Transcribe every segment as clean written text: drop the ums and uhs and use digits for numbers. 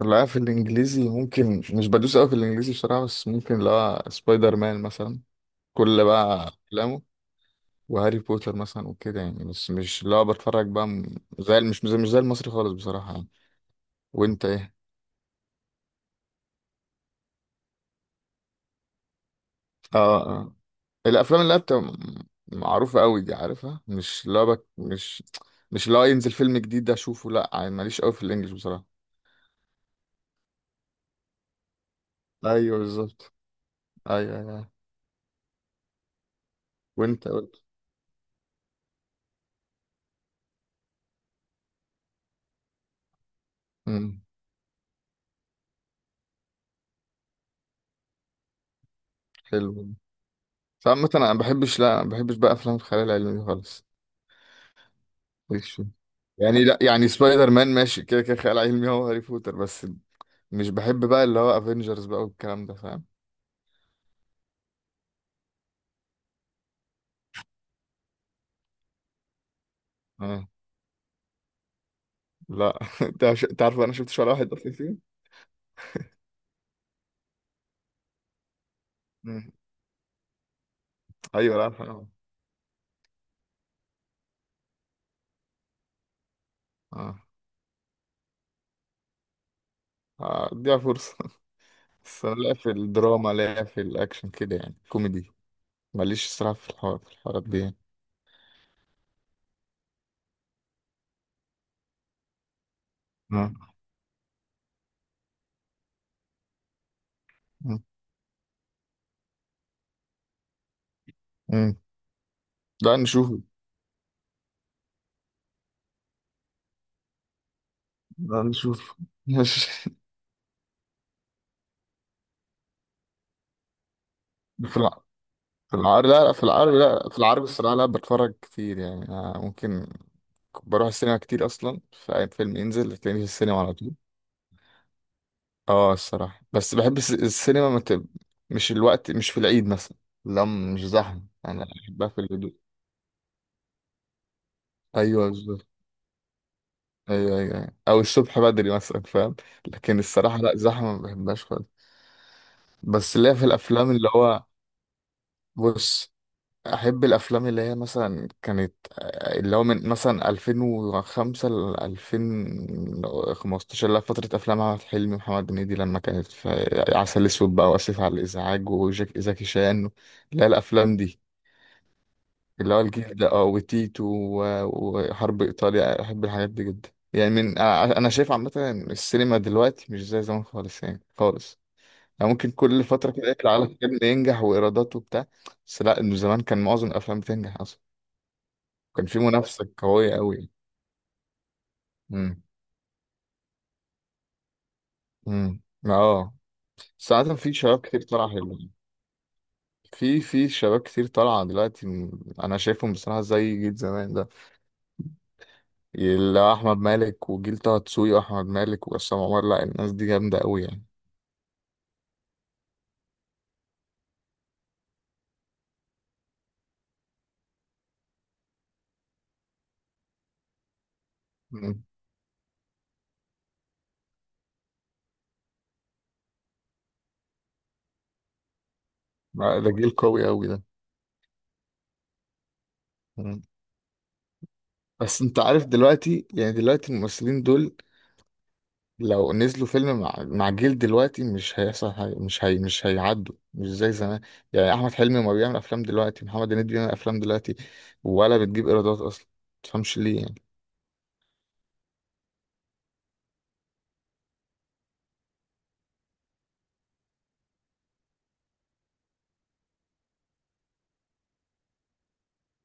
لا، في الانجليزي ممكن مش بدوس قوي في الانجليزي بصراحه، بس ممكن اللي هو سبايدر مان مثلا. كل بقى افلامه وهاري بوتر مثلا وكده، يعني بس مش اللي هو بتفرج بقى زي مش زي مش زي المصري خالص بصراحه يعني. وانت ايه؟ اه اه آه. الافلام اللي هي بتبقى معروفه قوي دي عارفها، مش اللي هو بك، مش اللي هو ينزل فيلم جديد ده اشوفه، لا يعني ماليش قوي في الانجليش بصراحه. ايوه بالظبط. ايوه ايوه. وانت قلت؟ امم حلو. بس عامة انا ما بحبش، لا ما بحبش بقى افلام الخيال العلمي دي خالص. وش؟ يعني لا، يعني سبايدر مان ماشي كده كده خيال علمي، هو هاري بوتر بس. مش بحب بقى اللي هو افنجرز بقى والكلام ده، فاهم؟ اه. لا انت انت عارف انا شفتش ولا واحد اصلا فيه. مم. ايوه لا عارف اه. اه اديها فرصه بس انا لا في الدراما لا في الاكشن كده، يعني كوميدي ماليش الصراحه في الحوار، في الحوارات دي يعني. اه. مم. مم. لا نشوفه. لا نشوفه ماشي. في الع... في العربي لا، لا في العربي، لا في العربي الصراحه لا بتفرج كتير يعني، ممكن. بروح السينما كتير اصلا، فاي فيلم ينزل هتلاقيني في السينما على طول. اه الصراحه، بس بحب السينما مش الوقت، مش في العيد مثلا. لا مش زحمه، انا بحبها في الهدوء. ايوه بالظبط. ايوه ايوه أيوة. او الصبح بدري مثلا، فاهم؟ لكن الصراحه لا زحمه ما بحبهاش خالص. بس ليا في الافلام اللي هو، بص، احب الافلام اللي هي مثلا كانت اللي هو من مثلا 2005 ل 2015، اللي هي فتره افلام احمد حلمي ومحمد هنيدي، لما كانت في عسل اسود بقى واسف على الازعاج وجاك زكي شان، اللي هي الافلام دي. اللي هو الجيل ده اه، وحرب ايطاليا، احب الحاجات دي جدا يعني. من انا أنا شايف عامه إن السينما دلوقتي مش زي زمان خالص يعني خالص. يعني ممكن كل فتره كده يطلع على فيلم ينجح وايرادات وبتاع، بس لا، انه زمان كان معظم الافلام بتنجح اصلا. كان في منافسة قوية أوي. امم. اه. بس عادة في شباب كتير طالعة حلوة. في في شباب كتير طالعة دلوقتي أنا شايفهم بصراحة زي جيل زمان ده. اللي هو أحمد مالك وجيل طه دسوقي وأحمد مالك وعصام عمر، لا الناس دي جامدة أوي يعني. امم. لا، ده جيل قوي أوي ده. امم. بس أنت عارف دلوقتي، يعني دلوقتي الممثلين دول لو نزلوا فيلم مع جيل دلوقتي مش هيحصل حاجة، مش هي، مش هيعدوا مش زي زمان. يعني احمد حلمي ما بيعمل افلام دلوقتي، محمد هنيدي بيعمل افلام دلوقتي ولا بتجيب ايرادات اصلا، متفهمش ليه يعني.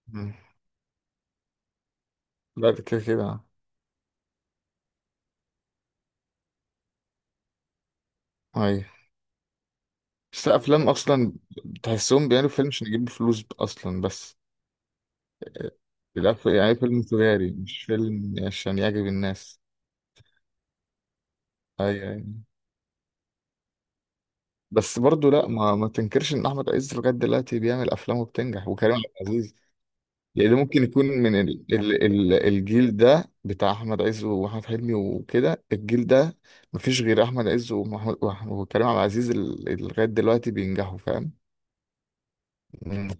مم. لا ده كده كده. ايوه بس افلام اصلا تحسهم بيعملوا فيلم عشان يجيبوا فلوس اصلا بس. لا يعني فيلم تجاري، مش فيلم عشان يعجب الناس. ايوه أيوة. بس برضو لا، ما تنكرش ان احمد عز لغايه دلوقتي بيعمل افلام وبتنجح، وكريم عبد العزيز. يعني ده ممكن يكون من الجيل ده بتاع احمد عز واحمد حلمي وكده، الجيل ده مفيش غير احمد عز ومحمود وكريم عبد العزيز، اللي لغايه دلوقتي بينجحوا، فاهم؟ مم.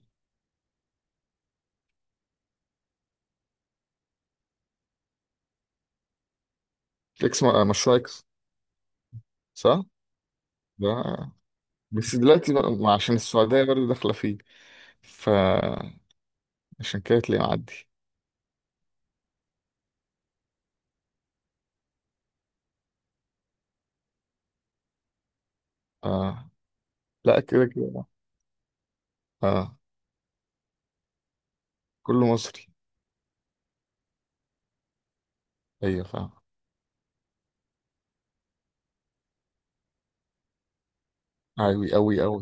اكس م- آه، مشروع اكس. صح، ده. بس دلوقتي بقى ما عشان السعوديه برضه داخله فيه، فعشان كده تلاقيه معدي. آه. لا كده كده. اه كله مصري. ايوه فاهم. اوي اوي اوي.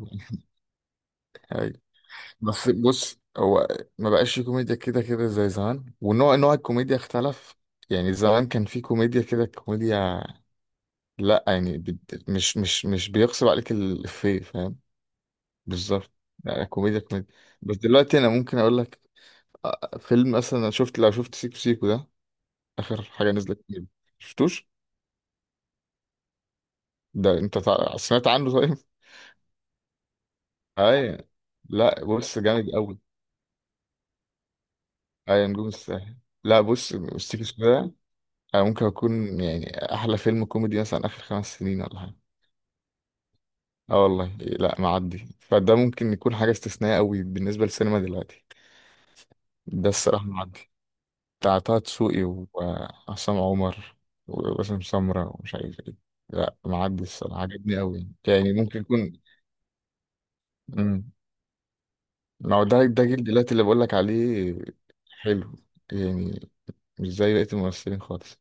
بس بص هو ما بقاش في كوميديا كده كده زي زمان، ونوع الكوميديا اختلف. يعني زمان كان في كوميديا كده كوميديا. لا يعني مش بيغصب عليك الإفيه، فاهم؟ بالظبط. يعني كوميديا كوميديا. بس دلوقتي انا ممكن اقول لك فيلم مثلا، انا شفت لو شفت سيكو سيكو ده، اخر حاجة نزلت فيه. شفتوش؟ ده انت سمعت عنه؟ طيب. ايوه لا بص جامد قوي. ايوه نجوم الساحل. لا بص سيكو سيكو ده أنا ممكن أكون، يعني، أحلى فيلم كوميدي مثلا آخر خمس سنين ولا حاجة. آه والله لا معدي، فده ممكن يكون حاجة استثنائية أوي بالنسبة للسينما دلوقتي. ده الصراحة معدي. بتاع طه دسوقي وعصام عمر وباسم سمرة ومش عارف إيه. لا معدي الصراحة عجبني أوي، يعني ممكن يكون. مم. ما هو ده ده جيل دلوقتي اللي بقولك عليه. حلو. يعني مش زي بقية الممثلين خالص.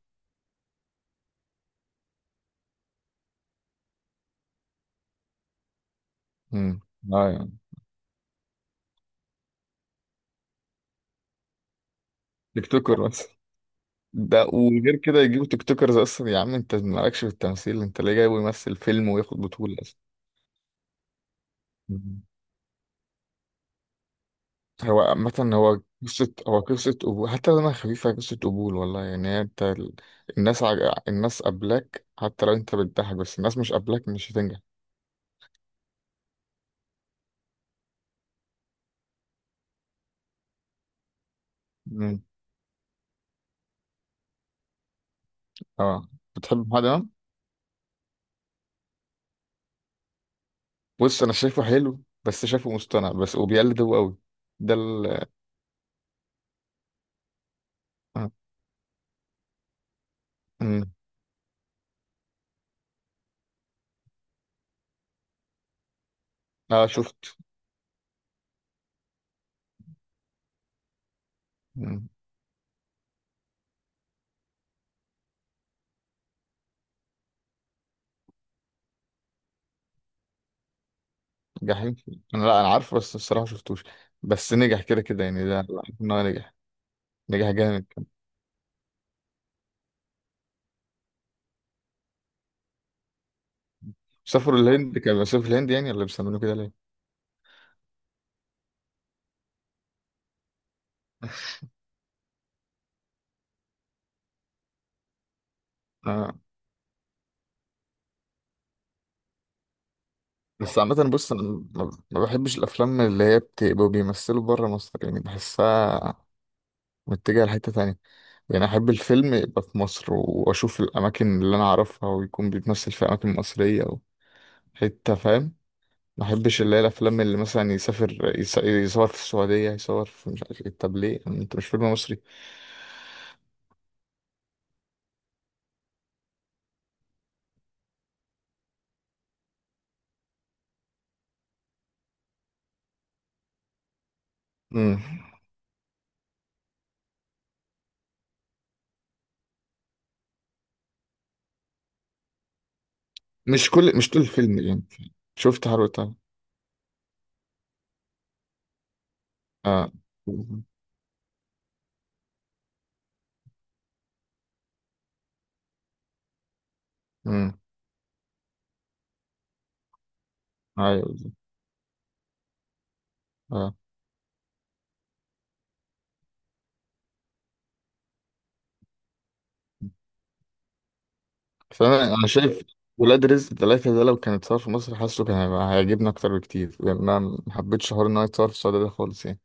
مم. اه يعني تيك توكر بس، ده وغير كده يجيبوا تيك توكرز اصلا. يا عم انت مالكش في التمثيل، انت ليه جايبه يمثل فيلم وياخد بطولة اصلا؟ مم. هو عامة هو قصة، هو قصة قبول حتى لما خفيفة، قصة قبول والله يعني. هي انت الناس عج... الناس قبلك حتى لو انت بتضحك، بس الناس مش قبلك مش هتنجح. مم. اه. بتحب محمد امام؟ بص انا شايفه حلو، بس شايفه مصطنع بس، وبيقلد هو قوي. ده ال، اه, مم. آه شفت. جحيم، انا لا انا عارفه بس الصراحه شفتوش. بس نجح كده كده يعني، ده لا، عارف ان هو نجح. نجح جامد. سافروا الهند؟ كانوا بيسافروا في الهند يعني ولا بيسمينه كده ليه؟ آه. بس عامة بص أنا ما ما بحبش الأفلام اللي هي بتبقوا بيمثلوا بره مصر، يعني بحسها متجهة لحتة تانية. يعني أحب الفيلم يبقى في مصر وأشوف الأماكن اللي أنا أعرفها، ويكون بيتمثل في أماكن مصرية أو حتة، فاهم؟ ما أحبش اللي هي الأفلام اللي مثلا يسافر يصور في السعودية، يصور في مش عارف إيه، طب ليه أنت مش فيلم مصري؟ مم. مش كل، مش طول الفيلم يعني. شفت حرقتها. اه. امم. ايوه. اه. فانا انا شايف ولاد رزق ثلاثة ده لو كان اتصور في مصر حاسه كان هيبقى هيعجبني اكتر بكتير، لان انا ما حبيتش حوار ان هو يتصور في السعودية ده خالص يعني.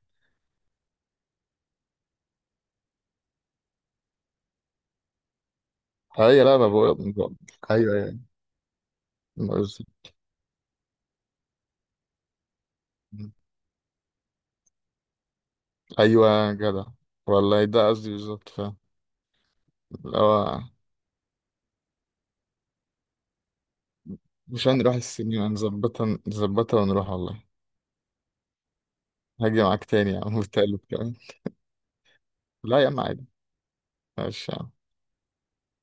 ايوه لا ما بقول بقول- ايوه ايوه. بقول- ايوه يا جدع، والله ده قصدي بالظبط، فاهم؟ اللي هو مش، هنروح السينما نظبطها، نظبطها ونروح والله. هاجي معاك تاني يا عم وتالت كمان. لا يا عم عادي. ماشي.